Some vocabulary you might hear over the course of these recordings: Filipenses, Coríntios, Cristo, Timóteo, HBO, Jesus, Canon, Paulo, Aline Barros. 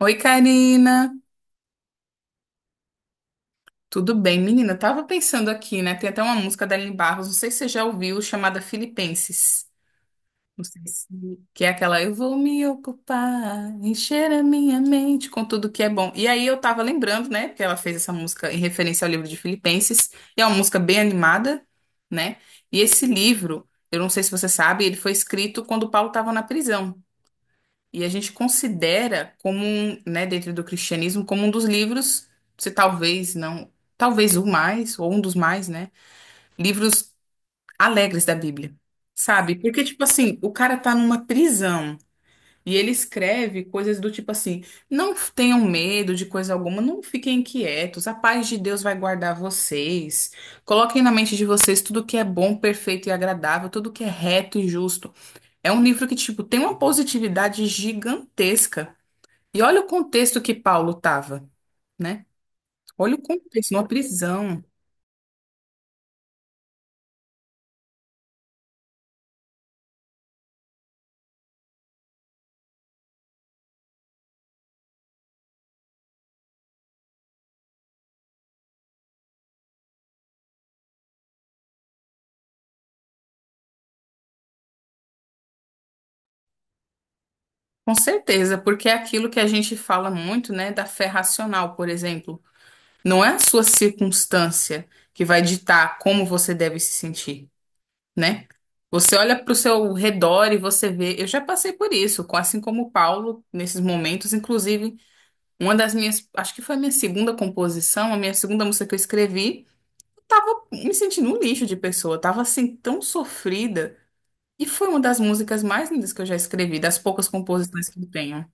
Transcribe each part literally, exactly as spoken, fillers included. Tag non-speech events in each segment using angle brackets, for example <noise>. Oi, Karina. Tudo bem, menina? Eu tava pensando aqui, né? Tem até uma música da Aline Barros, não sei se você já ouviu, chamada Filipenses. Não sei se... Que é aquela, eu vou me ocupar, encher a minha mente com tudo que é bom. E aí eu tava lembrando, né? Que ela fez essa música em referência ao livro de Filipenses. E é uma música bem animada, né? E esse livro, eu não sei se você sabe, ele foi escrito quando o Paulo estava na prisão. E a gente considera como, um, né, dentro do cristianismo, como um dos livros, se talvez não, talvez o mais, ou um dos mais, né, livros alegres da Bíblia. Sabe? Porque, tipo assim, o cara tá numa prisão e ele escreve coisas do tipo assim: não tenham medo de coisa alguma, não fiquem inquietos, a paz de Deus vai guardar vocês. Coloquem na mente de vocês tudo que é bom, perfeito e agradável, tudo que é reto e justo. É um livro que, tipo, tem uma positividade gigantesca. E olha o contexto que Paulo estava, né? Olha o contexto, uma prisão. Com certeza, porque é aquilo que a gente fala muito, né, da fé racional, por exemplo. Não é a sua circunstância que vai ditar como você deve se sentir, né? Você olha para o seu redor e você vê. Eu já passei por isso, com- assim como o Paulo, nesses momentos. Inclusive, uma das minhas. Acho que foi a minha segunda composição, a minha segunda música que eu escrevi. Eu tava me sentindo um lixo de pessoa. Eu tava assim, tão sofrida. E foi uma das músicas mais lindas que eu já escrevi, das poucas composições que eu tenho.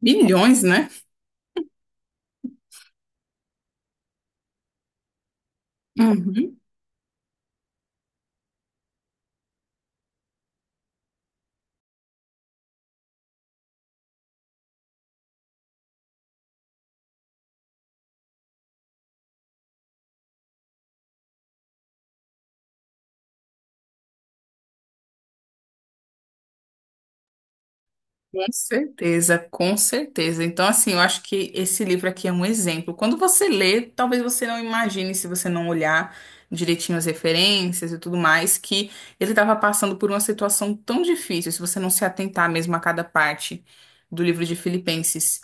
Milhões, né? Uhum. Com certeza, com certeza. Então, assim, eu acho que esse livro aqui é um exemplo. Quando você lê, talvez você não imagine, se você não olhar direitinho as referências e tudo mais, que ele estava passando por uma situação tão difícil, se você não se atentar mesmo a cada parte do livro de Filipenses.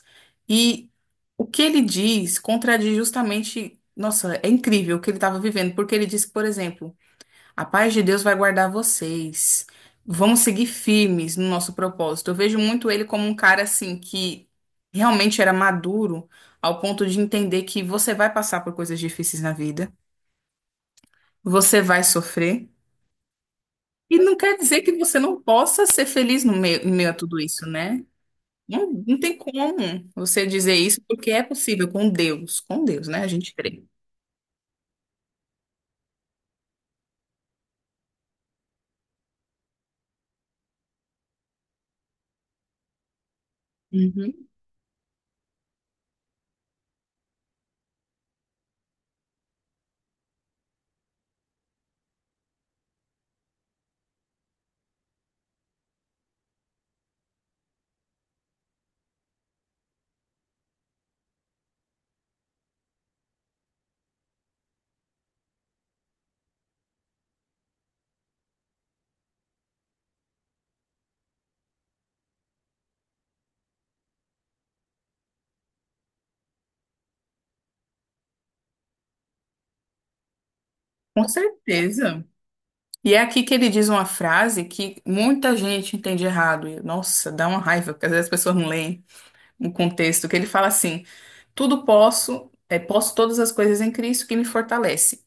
E o que ele diz contradiz justamente, nossa, é incrível o que ele estava vivendo, porque ele diz, por exemplo, a paz de Deus vai guardar vocês. Vamos seguir firmes no nosso propósito. Eu vejo muito ele como um cara assim que realmente era maduro ao ponto de entender que você vai passar por coisas difíceis na vida, você vai sofrer. E não quer dizer que você não possa ser feliz no meio, em meio a tudo isso, né? Não, não tem como você dizer isso, porque é possível com Deus, com Deus, né? A gente crê. Uhum. Com certeza. E é aqui que ele diz uma frase que muita gente entende errado. E, nossa, dá uma raiva, porque às vezes as pessoas não leem o contexto, que ele fala assim: tudo posso, é, posso todas as coisas em Cristo que me fortalece.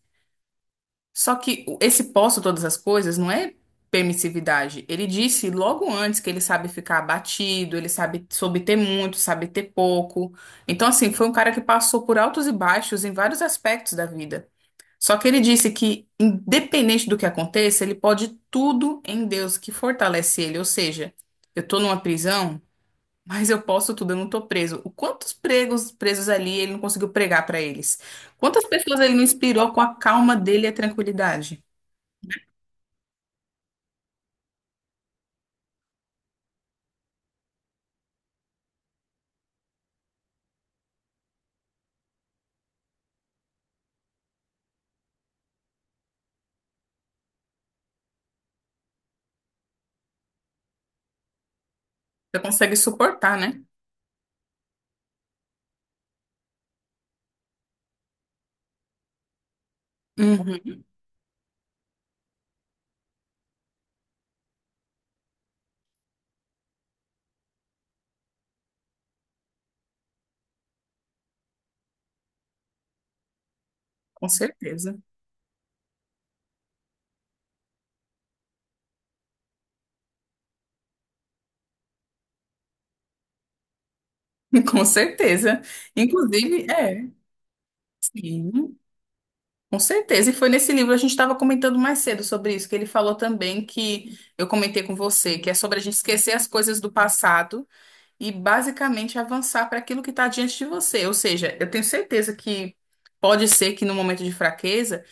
Só que o- esse posso todas as coisas não é permissividade. Ele disse logo antes que ele sabe ficar abatido, ele sabe soube ter muito, sabe ter pouco. Então, assim, foi um cara que passou por altos e baixos em vários aspectos da vida. Só que ele disse que, independente do que aconteça, ele pode tudo em Deus que fortalece ele. Ou seja, eu estou numa prisão, <laughs> mas eu posso tudo, eu não estou preso. O Quantos pregos presos ali ele não conseguiu pregar para eles? Quantas pessoas ele não inspirou com a calma dele e a tranquilidade? Você consegue suportar, né? Uhum, com certeza. <laughs> Com certeza. Inclusive, é, sim. Com certeza, e foi nesse livro, a gente estava comentando mais cedo sobre isso, que ele falou também que eu comentei com você, que é sobre a gente esquecer as coisas do passado e basicamente avançar para aquilo que está diante de você. Ou seja, eu tenho certeza que pode ser que no momento de fraqueza,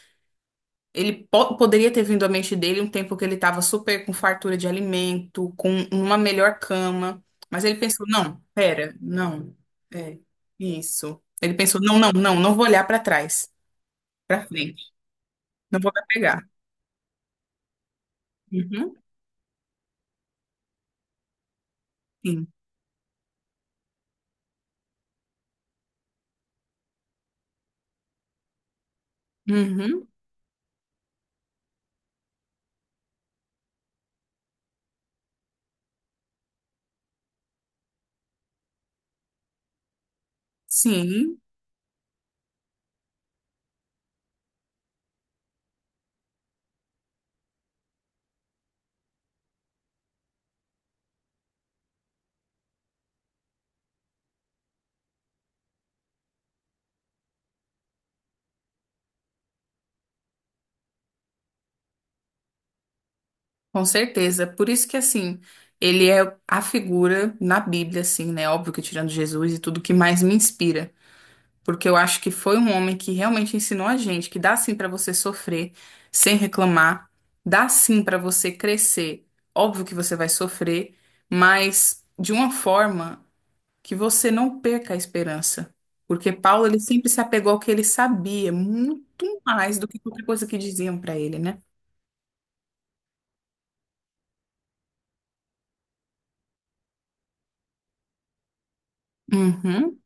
ele po- poderia ter vindo à mente dele um tempo que ele estava super com fartura de alimento, com uma melhor cama, mas ele pensou: não, pera, não, é isso. Ele pensou: não, não, não, não vou olhar para trás, para frente, não vou me apegar. Uhum, sim. Uhum, sim, com certeza. Por isso que, assim, ele é a figura na Bíblia, assim, né? Óbvio que tirando Jesus e tudo que mais me inspira. Porque eu acho que foi um homem que realmente ensinou a gente que dá sim pra você sofrer sem reclamar, dá sim pra você crescer. Óbvio que você vai sofrer, mas de uma forma que você não perca a esperança. Porque Paulo, ele sempre se apegou ao que ele sabia, muito mais do que qualquer coisa que diziam pra ele, né? Uhum,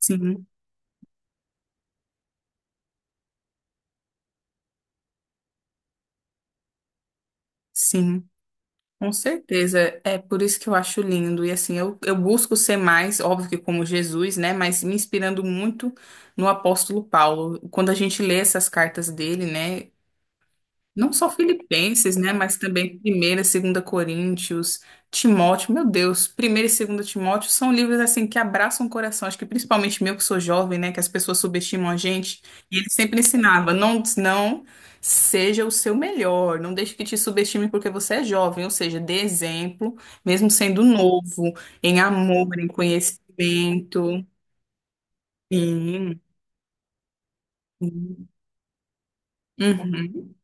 sim, sim, com certeza. É por isso que eu acho lindo. E assim, eu, eu busco ser mais, óbvio que como Jesus, né? Mas me inspirando muito no apóstolo Paulo. Quando a gente lê essas cartas dele, né? Não só Filipenses, né? Mas também Primeira Segunda Coríntios, Timóteo, meu Deus, Primeira e Segunda Timóteo são livros assim que abraçam o coração. Acho que principalmente meu que sou jovem, né? Que as pessoas subestimam a gente. E ele sempre ensinava, não, não seja o seu melhor, não deixe que te subestime porque você é jovem, ou seja, dê exemplo, mesmo sendo novo, em amor, em conhecimento. Sim. Sim. Uhum.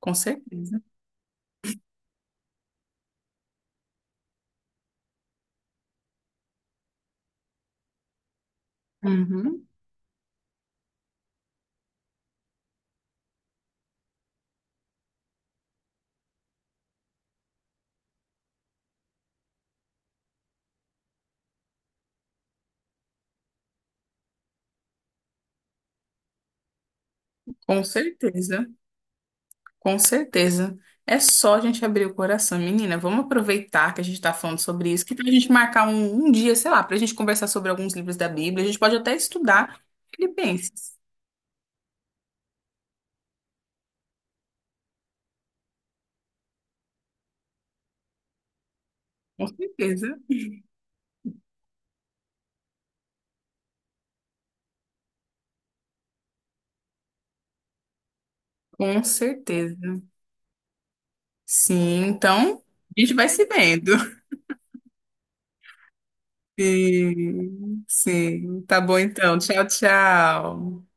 Com certeza. Uhum. Com certeza. Com certeza. É só a gente abrir o coração. Menina, vamos aproveitar que a gente está falando sobre isso, que para a gente marcar um, um dia, sei lá, para a gente conversar sobre alguns livros da Bíblia. A gente pode até estudar Filipenses. Com certeza. Com certeza. Sim, então a gente vai se vendo. <laughs> Sim, sim. Tá bom então. Tchau, tchau.